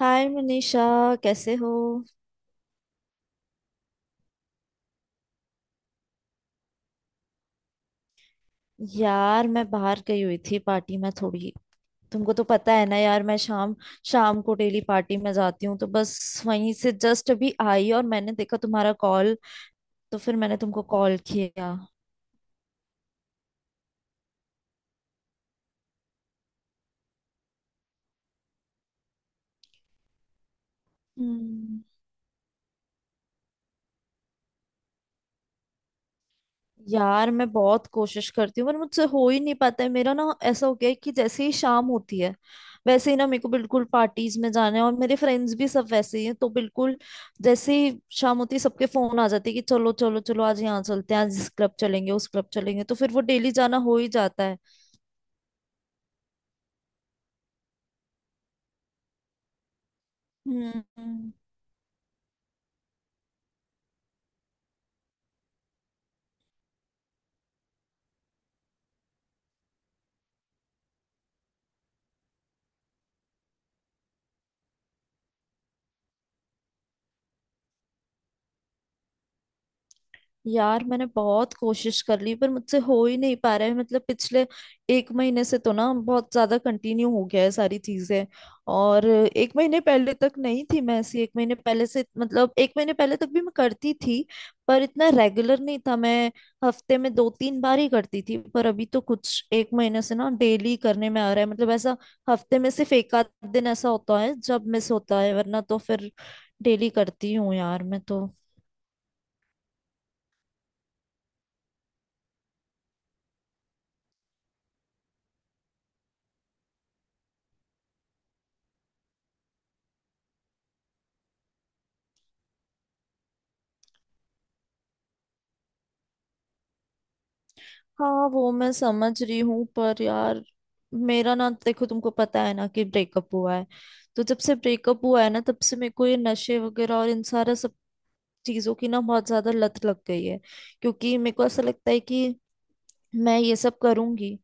हाय मनीषा। कैसे हो। यार मैं बाहर गई हुई थी पार्टी में थोड़ी। तुमको तो पता है ना यार मैं शाम शाम को डेली पार्टी में जाती हूँ तो बस वहीं से जस्ट अभी आई और मैंने देखा तुम्हारा कॉल। तो फिर मैंने तुमको कॉल किया। हम्म। यार मैं बहुत कोशिश करती हूँ पर मुझसे हो ही नहीं पाता है। मेरा ना ऐसा हो गया है कि जैसे ही शाम होती है वैसे ही ना मेरे को बिल्कुल पार्टीज में जाना है और मेरे फ्रेंड्स भी सब वैसे ही हैं तो बिल्कुल जैसे ही शाम होती है सबके फोन आ जाते हैं कि चलो चलो चलो आज यहाँ चलते हैं आज इस क्लब चलेंगे उस क्लब चलेंगे तो फिर वो डेली जाना हो ही जाता है। हम्म। यार मैंने बहुत कोशिश कर ली पर मुझसे हो ही नहीं पा रहा है मतलब पिछले एक महीने से तो ना बहुत ज्यादा कंटिन्यू हो गया है सारी चीजें। और एक महीने पहले तक नहीं थी मैं ऐसी, एक महीने पहले से मतलब एक महीने पहले तक भी मैं करती थी पर इतना रेगुलर नहीं था। मैं हफ्ते में दो तीन बार ही करती थी पर अभी तो कुछ एक महीने से ना डेली करने में आ रहा है मतलब ऐसा हफ्ते में सिर्फ एक आध दिन ऐसा होता है जब मिस होता है वरना तो फिर डेली करती हूँ यार मैं तो। हाँ वो मैं समझ रही हूँ पर यार मेरा ना देखो तुमको पता है ना कि ब्रेकअप हुआ है। तो जब से ब्रेकअप हुआ है ना तब से मेरे को ये नशे वगैरह और इन सारा सब चीजों की ना बहुत ज्यादा लत लग गई है। क्योंकि मेरे को ऐसा लगता है कि मैं ये सब करूंगी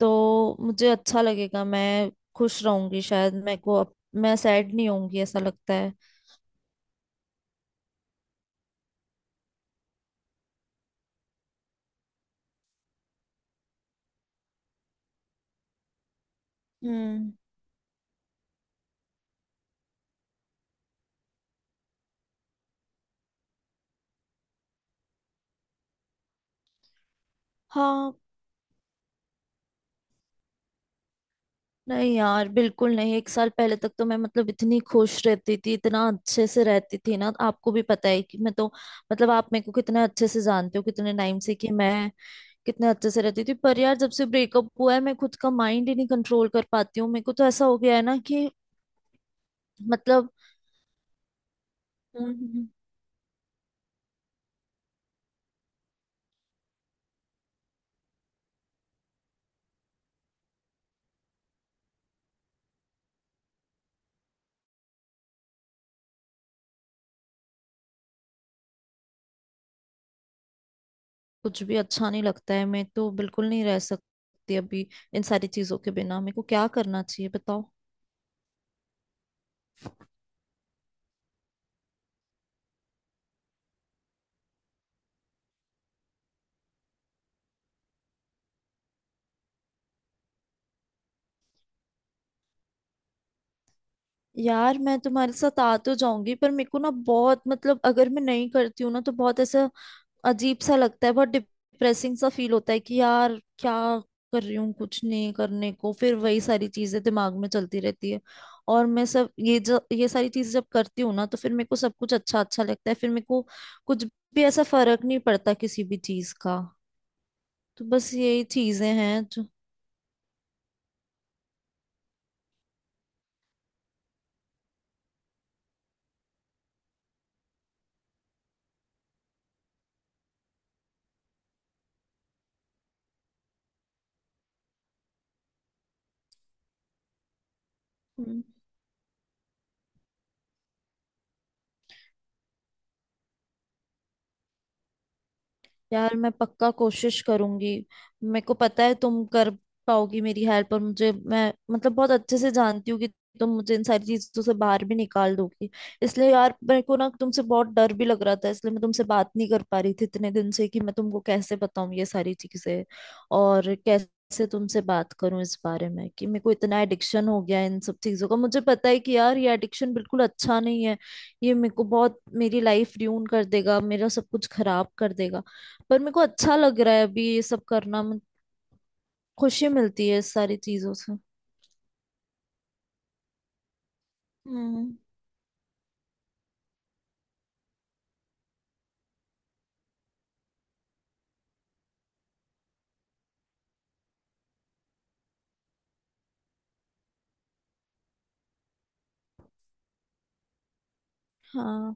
तो मुझे अच्छा लगेगा, मैं खुश रहूंगी शायद, मेरे को अब मैं सैड नहीं होंगी ऐसा लगता है। हम्म। हाँ। नहीं यार बिल्कुल नहीं, एक साल पहले तक तो मैं मतलब इतनी खुश रहती थी, इतना अच्छे से रहती थी ना। आपको भी पता है कि मैं तो मतलब आप मेरे को कितना अच्छे से जानते हो, कितने टाइम से, कि मैं कितने अच्छे से रहती थी। पर यार जब से ब्रेकअप हुआ है मैं खुद का माइंड ही नहीं कंट्रोल कर पाती हूँ, मेरे को तो ऐसा हो गया है ना कि मतलब। हम्म। कुछ भी अच्छा नहीं लगता है, मैं तो बिल्कुल नहीं रह सकती अभी इन सारी चीजों के बिना। मेरे को क्या करना चाहिए बताओ। यार मैं तुम्हारे साथ आ तो जाऊंगी पर मेरे को ना बहुत मतलब अगर मैं नहीं करती हूँ ना तो बहुत ऐसा अजीब सा लगता है, बहुत डिप्रेसिंग सा फील होता है कि यार क्या कर रही हूँ, कुछ नहीं करने को फिर वही सारी चीजें दिमाग में चलती रहती है। और मैं सब ये जो ये सारी चीजें जब करती हूँ ना तो फिर मेरे को सब कुछ अच्छा अच्छा लगता है, फिर मेरे को कुछ भी ऐसा फर्क नहीं पड़ता किसी भी चीज का। तो बस यही चीजें हैं जो। हम्म। यार मैं पक्का कोशिश करूंगी। मेरे को पता है तुम कर पाओगी मेरी हेल्प, और मुझे, मैं मतलब बहुत अच्छे से जानती हूँ कि तुम मुझे इन सारी चीजों से बाहर भी निकाल दोगी। इसलिए यार मेरे को ना तुमसे बहुत डर भी लग रहा था, इसलिए मैं तुमसे बात नहीं कर पा रही थी इतने दिन से कि मैं तुमको कैसे बताऊं ये सारी चीजें और कैसे तुमसे बात करूं इस बारे में कि मेरे को इतना एडिक्शन हो गया है इन सब चीजों का। मुझे पता है कि यार ये एडिक्शन बिल्कुल अच्छा नहीं है, ये मेरे को बहुत, मेरी लाइफ ड्यून कर देगा, मेरा सब कुछ खराब कर देगा। पर मेरे को अच्छा लग रहा है अभी ये सब करना, मुझे खुशी मिलती है इस सारी चीजों से। हम्म। हाँ।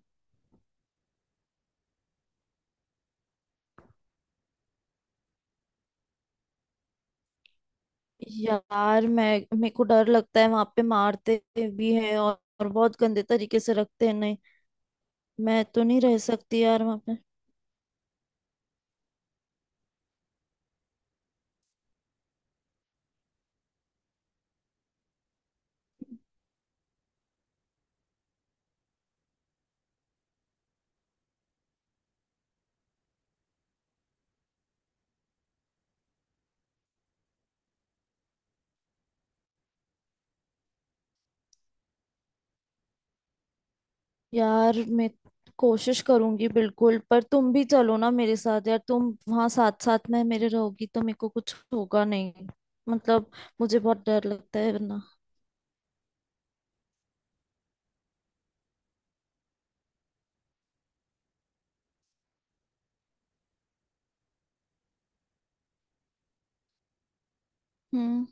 यार मैं मेरे को डर लगता है वहां पे मारते भी हैं और बहुत गंदे तरीके से रखते हैं, नहीं मैं तो नहीं रह सकती यार वहां पे। यार मैं कोशिश करूंगी बिल्कुल पर तुम भी चलो ना मेरे साथ यार, तुम वहां साथ साथ में मेरे रहोगी तो मेरे को कुछ होगा नहीं मतलब। मुझे बहुत डर लगता है वरना। हम्म।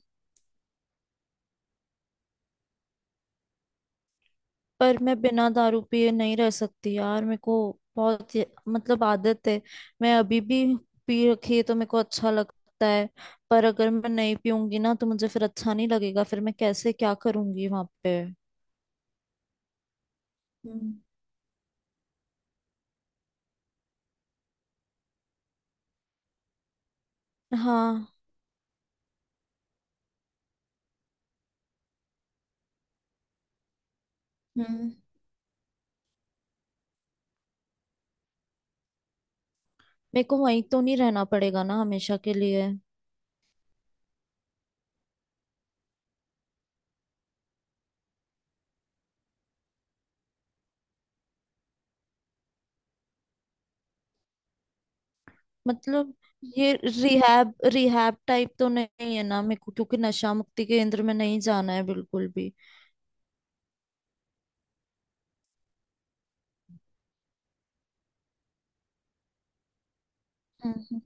पर मैं बिना दारू पिए नहीं रह सकती यार, मेरे को बहुत मतलब आदत है। मैं अभी भी पी रखी है तो मेरे को अच्छा लगता है। पर अगर मैं नहीं पीऊंगी ना तो मुझे फिर अच्छा नहीं लगेगा, फिर मैं कैसे क्या करूंगी वहां पे। हम्म। हाँ। हम्म। मेरे को वहीं तो नहीं रहना पड़ेगा ना हमेशा के लिए। मतलब ये रिहैब रिहैब टाइप तो नहीं है ना? मेरे को क्योंकि नशा मुक्ति केंद्र में नहीं जाना है बिल्कुल भी। हम्म।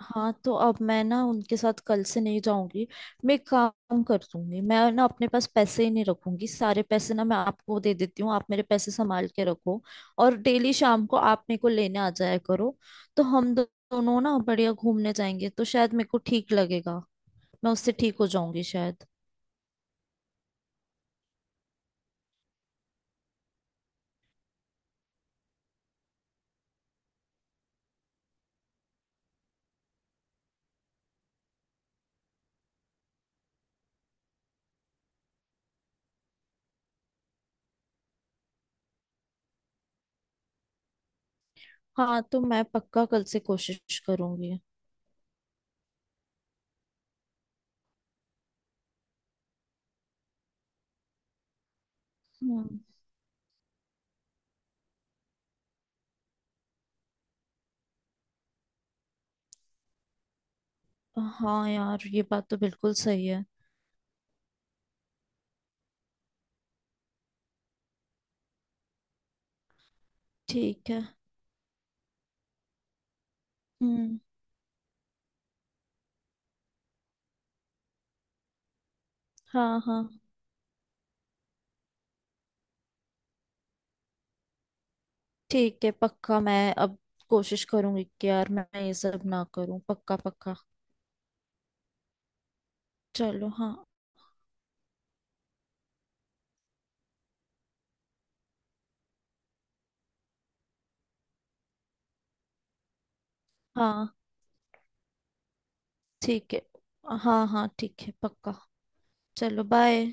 हाँ तो अब मैं ना उनके साथ कल से नहीं जाऊंगी। मैं एक काम कर दूंगी, मैं ना अपने पास पैसे ही नहीं रखूंगी, सारे पैसे ना मैं आपको दे देती हूँ, आप मेरे पैसे संभाल के रखो। और डेली शाम को आप मेरे को लेने आ जाया करो तो हम दोनों ना बढ़िया घूमने जाएंगे तो शायद मेरे को ठीक लगेगा। मैं उससे ठीक हो जाऊंगी शायद। हाँ तो मैं पक्का कल से कोशिश करूंगी। हम्म। हाँ यार ये बात तो बिल्कुल सही है। ठीक है। हम्म। हाँ हाँ ठीक है पक्का, मैं अब कोशिश करूंगी कि यार मैं ये सब ना करूं, पक्का पक्का। चलो हाँ। हाँ ठीक है। हाँ हाँ ठीक है पक्का। चलो बाय।